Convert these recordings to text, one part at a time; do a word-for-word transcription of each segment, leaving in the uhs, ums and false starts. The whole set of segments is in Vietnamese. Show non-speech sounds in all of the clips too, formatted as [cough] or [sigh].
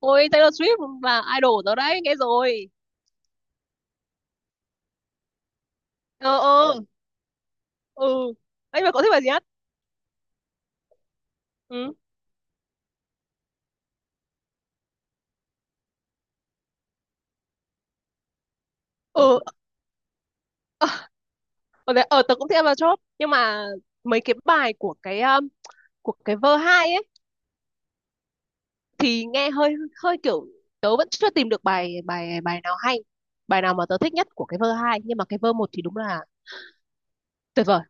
Ôi Taylor Swift là idol tớ đấy, nghe rồi. ờ ờ ừ. Anh mà có thích bài gì hết? Ừ. Ừ. Ở đấy ở tớ cũng thích Avatar Chop, nhưng mà mấy cái bài của cái um, của cái vơ hai ấy thì nghe hơi hơi kiểu tớ vẫn chưa tìm được bài bài bài nào hay, bài nào mà tớ thích nhất của cái vơ hai, nhưng mà cái vơ một thì đúng là tuyệt vời.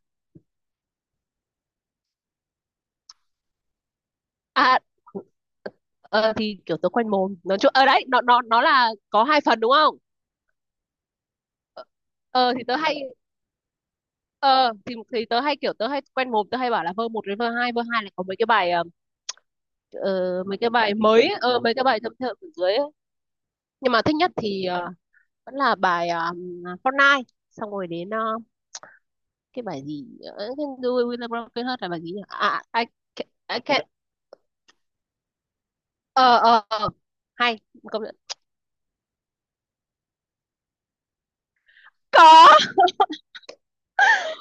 À, ờ, thì kiểu tớ quanh mồm nói chung ở đấy nó nó nó là có hai phần đúng không? Ờ thì tớ hay ờ thì thì tớ hay kiểu tớ hay quen mồm tớ hay bảo là vơ một đến vơ hai vơ hai là có mấy cái bài, ờ, ờ, mấy cái bài mới ấy, ờ, mấy cái bài thâm thượng ở dưới ấy. Nhưng mà thích nhất thì ờ, vẫn là bài ờ, Fortnite, xong rồi đến ờ, cái bài gì, ờ, cái đuôi William Broken Heart là bài gì nhỉ? À, I, ca- I can ờ ờ ờ. hay, công nhận. Có,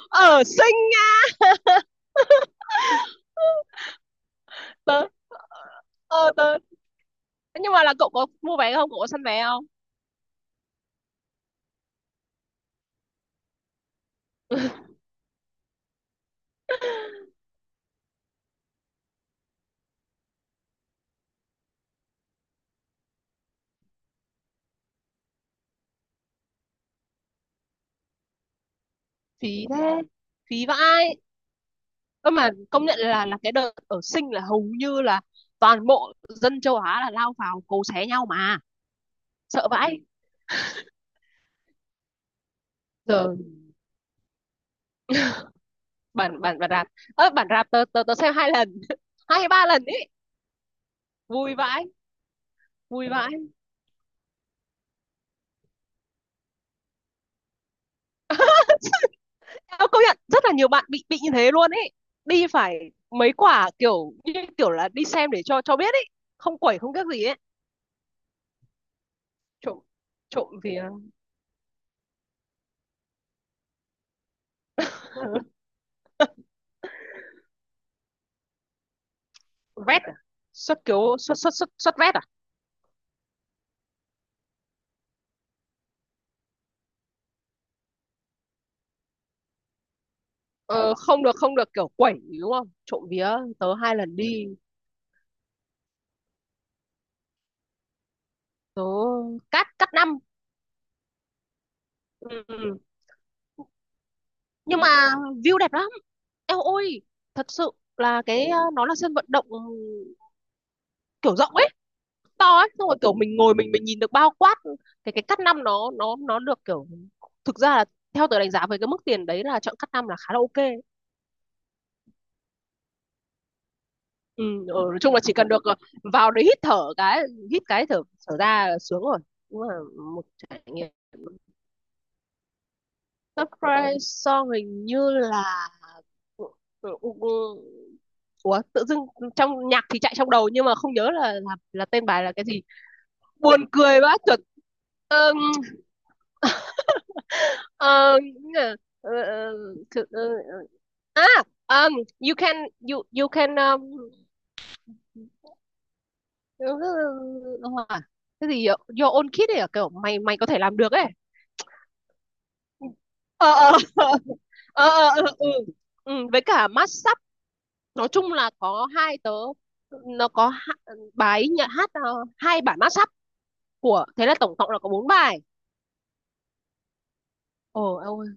ở xinh nha. [laughs] tớ ờ tớ Nhưng mà là cậu có mua vé không, cậu có săn vé không? [laughs] Phí thế, phí vãi. Cơ mà công nhận là là cái đợt ở Sinh là hầu như là toàn bộ dân châu Á là lao vào cấu xé nhau mà, sợ vãi. Giờ bản bản bản rạp, ơ bản rạp tớ tớ tớ xem hai lần. [laughs] Hai hay ba lần ấy, vui vãi. Vui vãi. Tớ công nhận rất là nhiều bạn bị bị như thế luôn ấy, đi phải mấy quả kiểu như kiểu là đi xem để cho cho biết ấy, không quẩy không biết gì ấy. Trộm trộm vì. [laughs] Vét à? Xuất kiểu xuất xuất xuất xuất vét à? Ờ, không được không được kiểu quẩy đúng không? Trộm vía. Tớ hai lần đi, tớ cắt cắt năm. Ừ. Ừ. Nhưng mà view đẹp lắm. Eo ôi, thật sự là cái ờ, nó là sân vận động, ừ, kiểu rộng ấy, to ấy, xong rồi kiểu mình ngồi mình mình nhìn được bao quát, ừ, cái cái cắt năm nó nó nó được kiểu, thực ra là theo tớ đánh giá với cái mức tiền đấy là chọn cắt năm là khá là ok. Ừ, ừ, nói chung là chỉ cần được, ờ, vào đấy hít thở cái, hít cái thở, thở ra là sướng rồi, cũng là một trải nghiệm. Surprise Song hình như là, ủa tự dưng trong nhạc thì chạy trong đầu nhưng mà không nhớ là là, là tên bài là cái gì, buồn cười quá, chuẩn. Ờ, ờ, ờ, ờ, ờ, à um, you can you you can um, ờ, ờ, ờ, ờ, ờ, cái gì vậy? Your own kid ấy à? Kiểu mày mày có thể làm được ấy. ờ ờ [laughs] ờ ờ ờ, ừ. Ừ, với cả massage, nói chung là có hai. Tớ, nó có ha- bài nhạc hát, ờ, hai bản mashup của, thế là tổng cộng là có bốn bài. Ồ em ơi,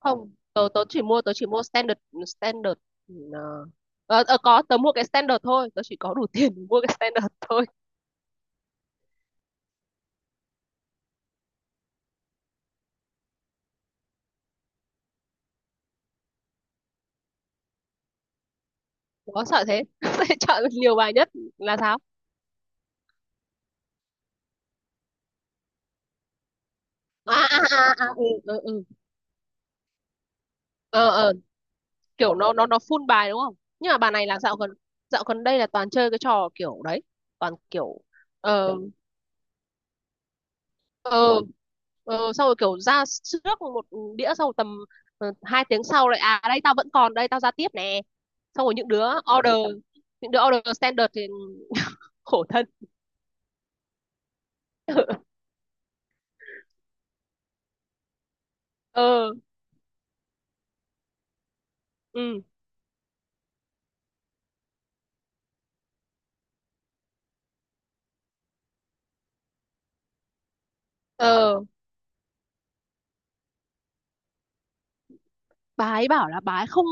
không, tớ tớ chỉ mua tớ chỉ mua standard. standard ờ, ờ, ờ, có, tớ mua cái standard thôi, tớ chỉ có đủ [laughs] tiền để mua cái standard thôi. Có sợ thế. [laughs] Sẽ chọn nhiều bài nhất là sao? À à à, à, ừ, ừ, ừ. Ờ, ờ, kiểu nó nó nó full bài đúng không, nhưng mà bài này là dạo gần dạo gần đây là toàn chơi cái trò kiểu đấy, toàn kiểu. ờ, ờ ờ Xong rồi kiểu ra trước một đĩa, xong rồi tầm ờ, hai tiếng sau lại, à đây tao vẫn còn, đây tao ra tiếp nè. Xong rồi những đứa order những đứa order standard thì [laughs] khổ thân. ờ ừ. ờ bà ấy bảo là bà ấy không,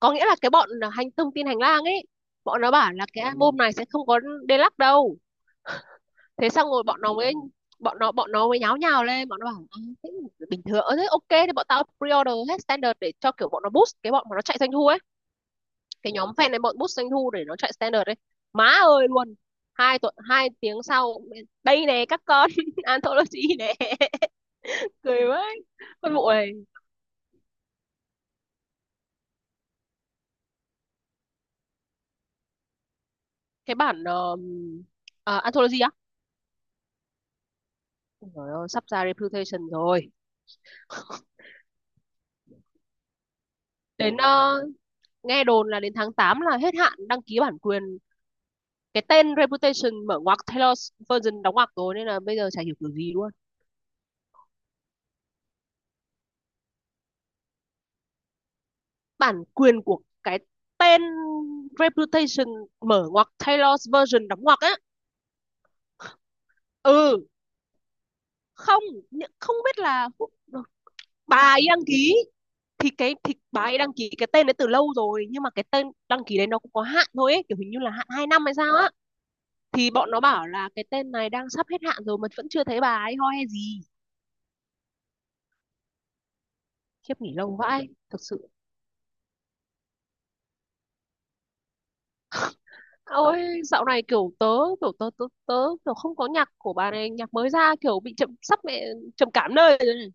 có nghĩa là cái bọn hành, thông tin hành lang ấy, bọn nó bảo là cái album này sẽ không có deluxe đâu. Thế xong rồi bọn nó mới bọn nó bọn nó mới nháo nhào lên, bọn nó bảo, à, thế. Bình thường, ờ, thế ok thì bọn tao pre-order hết standard để cho kiểu bọn nó boost, cái bọn mà nó chạy doanh thu ấy, cái nhóm fan này bọn bút doanh thu để nó chạy standard đấy. Má ơi luôn, hai tuần, hai tiếng sau, đây nè các con [laughs] anthology nè. [laughs] Cười quá con bộ này, cái bản ờ, ờ, anthology á. Trời ơi, sắp ra reputation rồi. đến ờ, Nghe đồn là đến tháng tám là hết hạn đăng ký bản quyền cái tên reputation mở ngoặc Taylor's version đóng ngoặc rồi, nên là bây giờ chả hiểu kiểu gì luôn. Bản quyền của cái tên reputation mở ngoặc Taylor's version đóng ngoặc á. Ừ. Không, không biết là Phúc- bà ấy đăng ký, thì cái thì bà ấy đăng ký cái tên đấy từ lâu rồi, nhưng mà cái tên đăng ký đấy nó cũng có hạn thôi ấy, kiểu hình như là hạn hai năm hay sao á. Thì bọn nó bảo là cái tên này đang sắp hết hạn rồi mà vẫn chưa thấy bà ấy ho hay gì. Khiếp, nghỉ lâu vãi thật sự. Ôi, dạo này kiểu tớ, kiểu tớ tớ tớ kiểu không có nhạc của bà này, nhạc mới ra kiểu bị chậm, sắp mẹ trầm cảm nơi rồi này.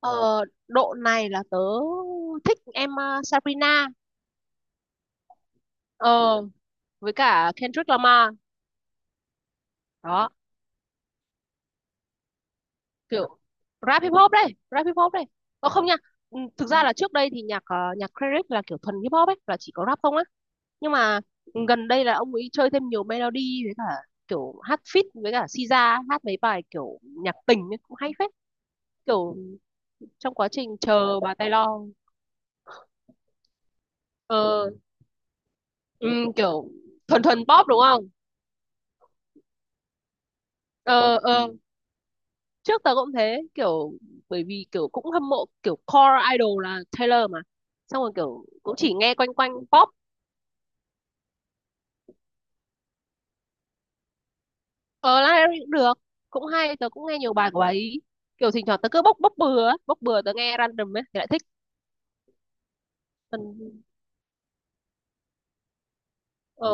ờ, Độ này là tớ thích em, uh, Sabrina. ờ với cả Kendrick Lamar, đó kiểu rap hip hop đây, rap hip hop đây. Ờ không nha. Ừ, thực ra là trước đây thì nhạc ờ, nhạc credit là kiểu thuần hip hop ấy, là chỉ có rap không á, nhưng mà gần đây là ông ấy chơi thêm nhiều melody, với cả kiểu hát feat với cả Siza hát mấy bài kiểu nhạc tình ấy, cũng hay phết, kiểu trong quá trình chờ bà Taylor. ờ ừ, kiểu thuần thuần pop đúng không? ờ ờ Trước tớ cũng thế, kiểu bởi vì kiểu cũng hâm mộ kiểu core idol là Taylor mà, xong rồi kiểu cũng chỉ nghe quanh quanh pop. Ờ, Lana Del Rey cũng được, cũng hay, tớ cũng nghe nhiều bài của bà ấy, kiểu thỉnh thoảng tớ cứ bốc bốc bừa ấy. Bốc bừa Tớ nghe random ấy thì lại thích. Còn ờ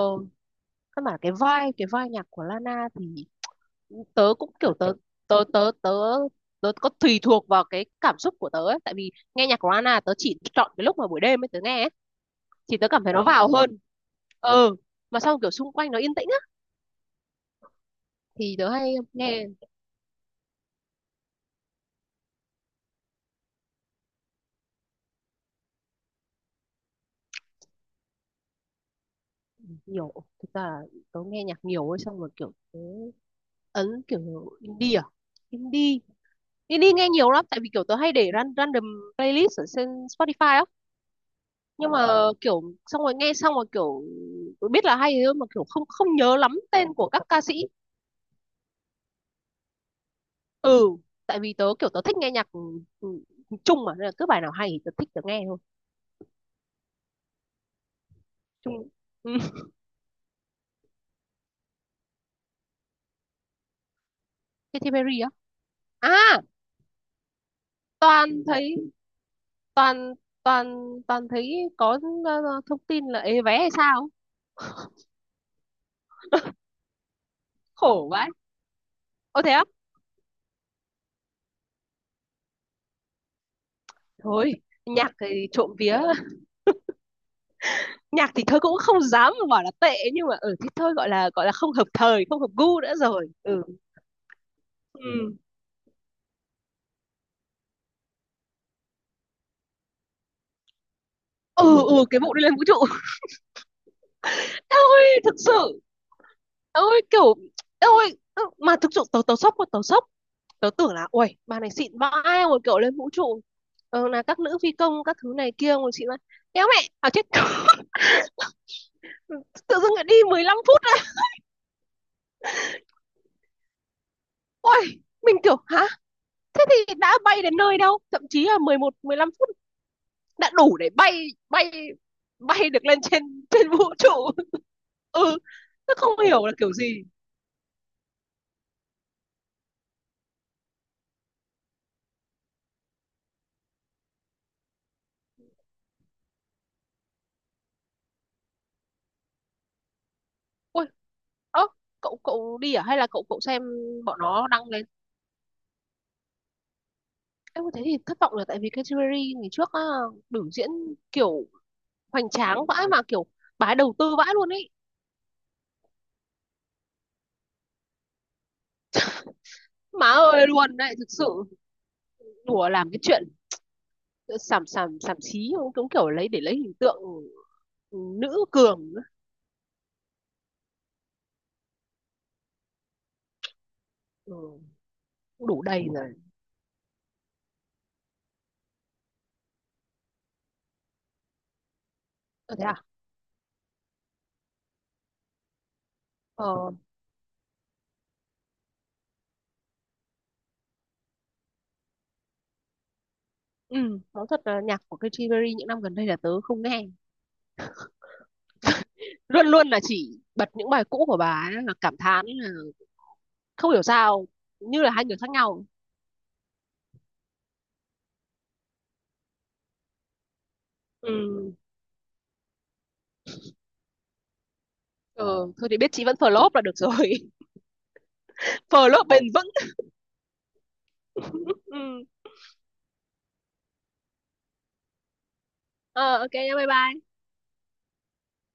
căn bản cái vai cái vai nhạc của Lana thì tớ cũng kiểu tớ tớ tớ tớ tớ có tùy thuộc vào cái cảm xúc của tớ ấy. Tại vì nghe nhạc của Lana tớ chỉ chọn cái lúc mà buổi đêm ấy tớ nghe ấy, thì tớ cảm thấy nó vào hơn. ờ mà xong kiểu xung quanh nó yên tĩnh á thì tớ hay nghe. Nhiều, thực ra tớ nghe nhạc nhiều ấy, xong rồi kiểu tớ ấn kiểu indie à? Indie, đi đi nghe nhiều lắm, tại vì kiểu tớ hay để ran- random playlist ở trên Spotify á. Nhưng mà kiểu xong rồi nghe xong rồi kiểu tớ biết là hay thôi, mà kiểu không không nhớ lắm tên của các ca sĩ. Ừ, tại vì tớ kiểu tớ thích nghe nhạc. Ừ, chung mà nên là cứ bài nào hay thì tớ thích tớ nghe thôi. Chung. Ừ. [laughs] Katy Perry á? À, toàn thấy toàn toàn toàn thấy có ờ, thông tin là ế vé hay sao, khổ vãi. Ô thế á? Thôi, nhạc thì trộm vía, nhạc thì thôi cũng không dám mà bảo là tệ, nhưng mà ở, ừ, thì thôi gọi là gọi là không hợp thời, không hợp gu nữa rồi. Ừ. Ừ. Ừ. Ừ, ừ, cái vụ đi lên vũ trụ. [laughs] Ôi thực sự, ôi kiểu, ôi mà thực sự tớ tớ sốc quá, tớ sốc. Tớ tưởng là ui bà này xịn vãi rồi kiểu lên vũ trụ, ờ, là các nữ phi công các thứ này kia rồi xịn vãi, kéo mẹ à chết. [laughs] Tự dưng lại đi mười lăm phút á? Ôi, mình kiểu hả? Thế thì đã bay đến nơi đâu thậm chí là mười một, mười lăm phút, đã đủ để bay bay bay được lên trên, trên vũ trụ. [laughs] Ừ, nó không hiểu là kiểu gì. Ôi, ơ, cậu cậu đi à, hay là cậu cậu xem bọn nó đăng lên? Em thế thì thất vọng là tại vì cái Jewelry ngày trước á, biểu diễn kiểu hoành tráng vãi, mà kiểu bà ấy đầu tư vãi luôn ấy. Má ơi luôn đấy thực sự. Đùa, làm cái chuyện sàm sàm sàm xí cũng cũng kiểu lấy, để lấy hình tượng nữ cường nữa. Ừ, đủ đầy rồi. Ờ, thế à. ờ, Ừ, nói thật là nhạc của Katy Perry những năm gần đây là tớ không nghe. Luôn luôn là chỉ bật những bài cũ của bà ấy, là cảm thán là không hiểu sao, như là hai người khác nhau. Ừ, ừ thôi thì biết chị vẫn flop là được rồi. [laughs] Flop bền vững. Ừ. ờ, ok, bye bye.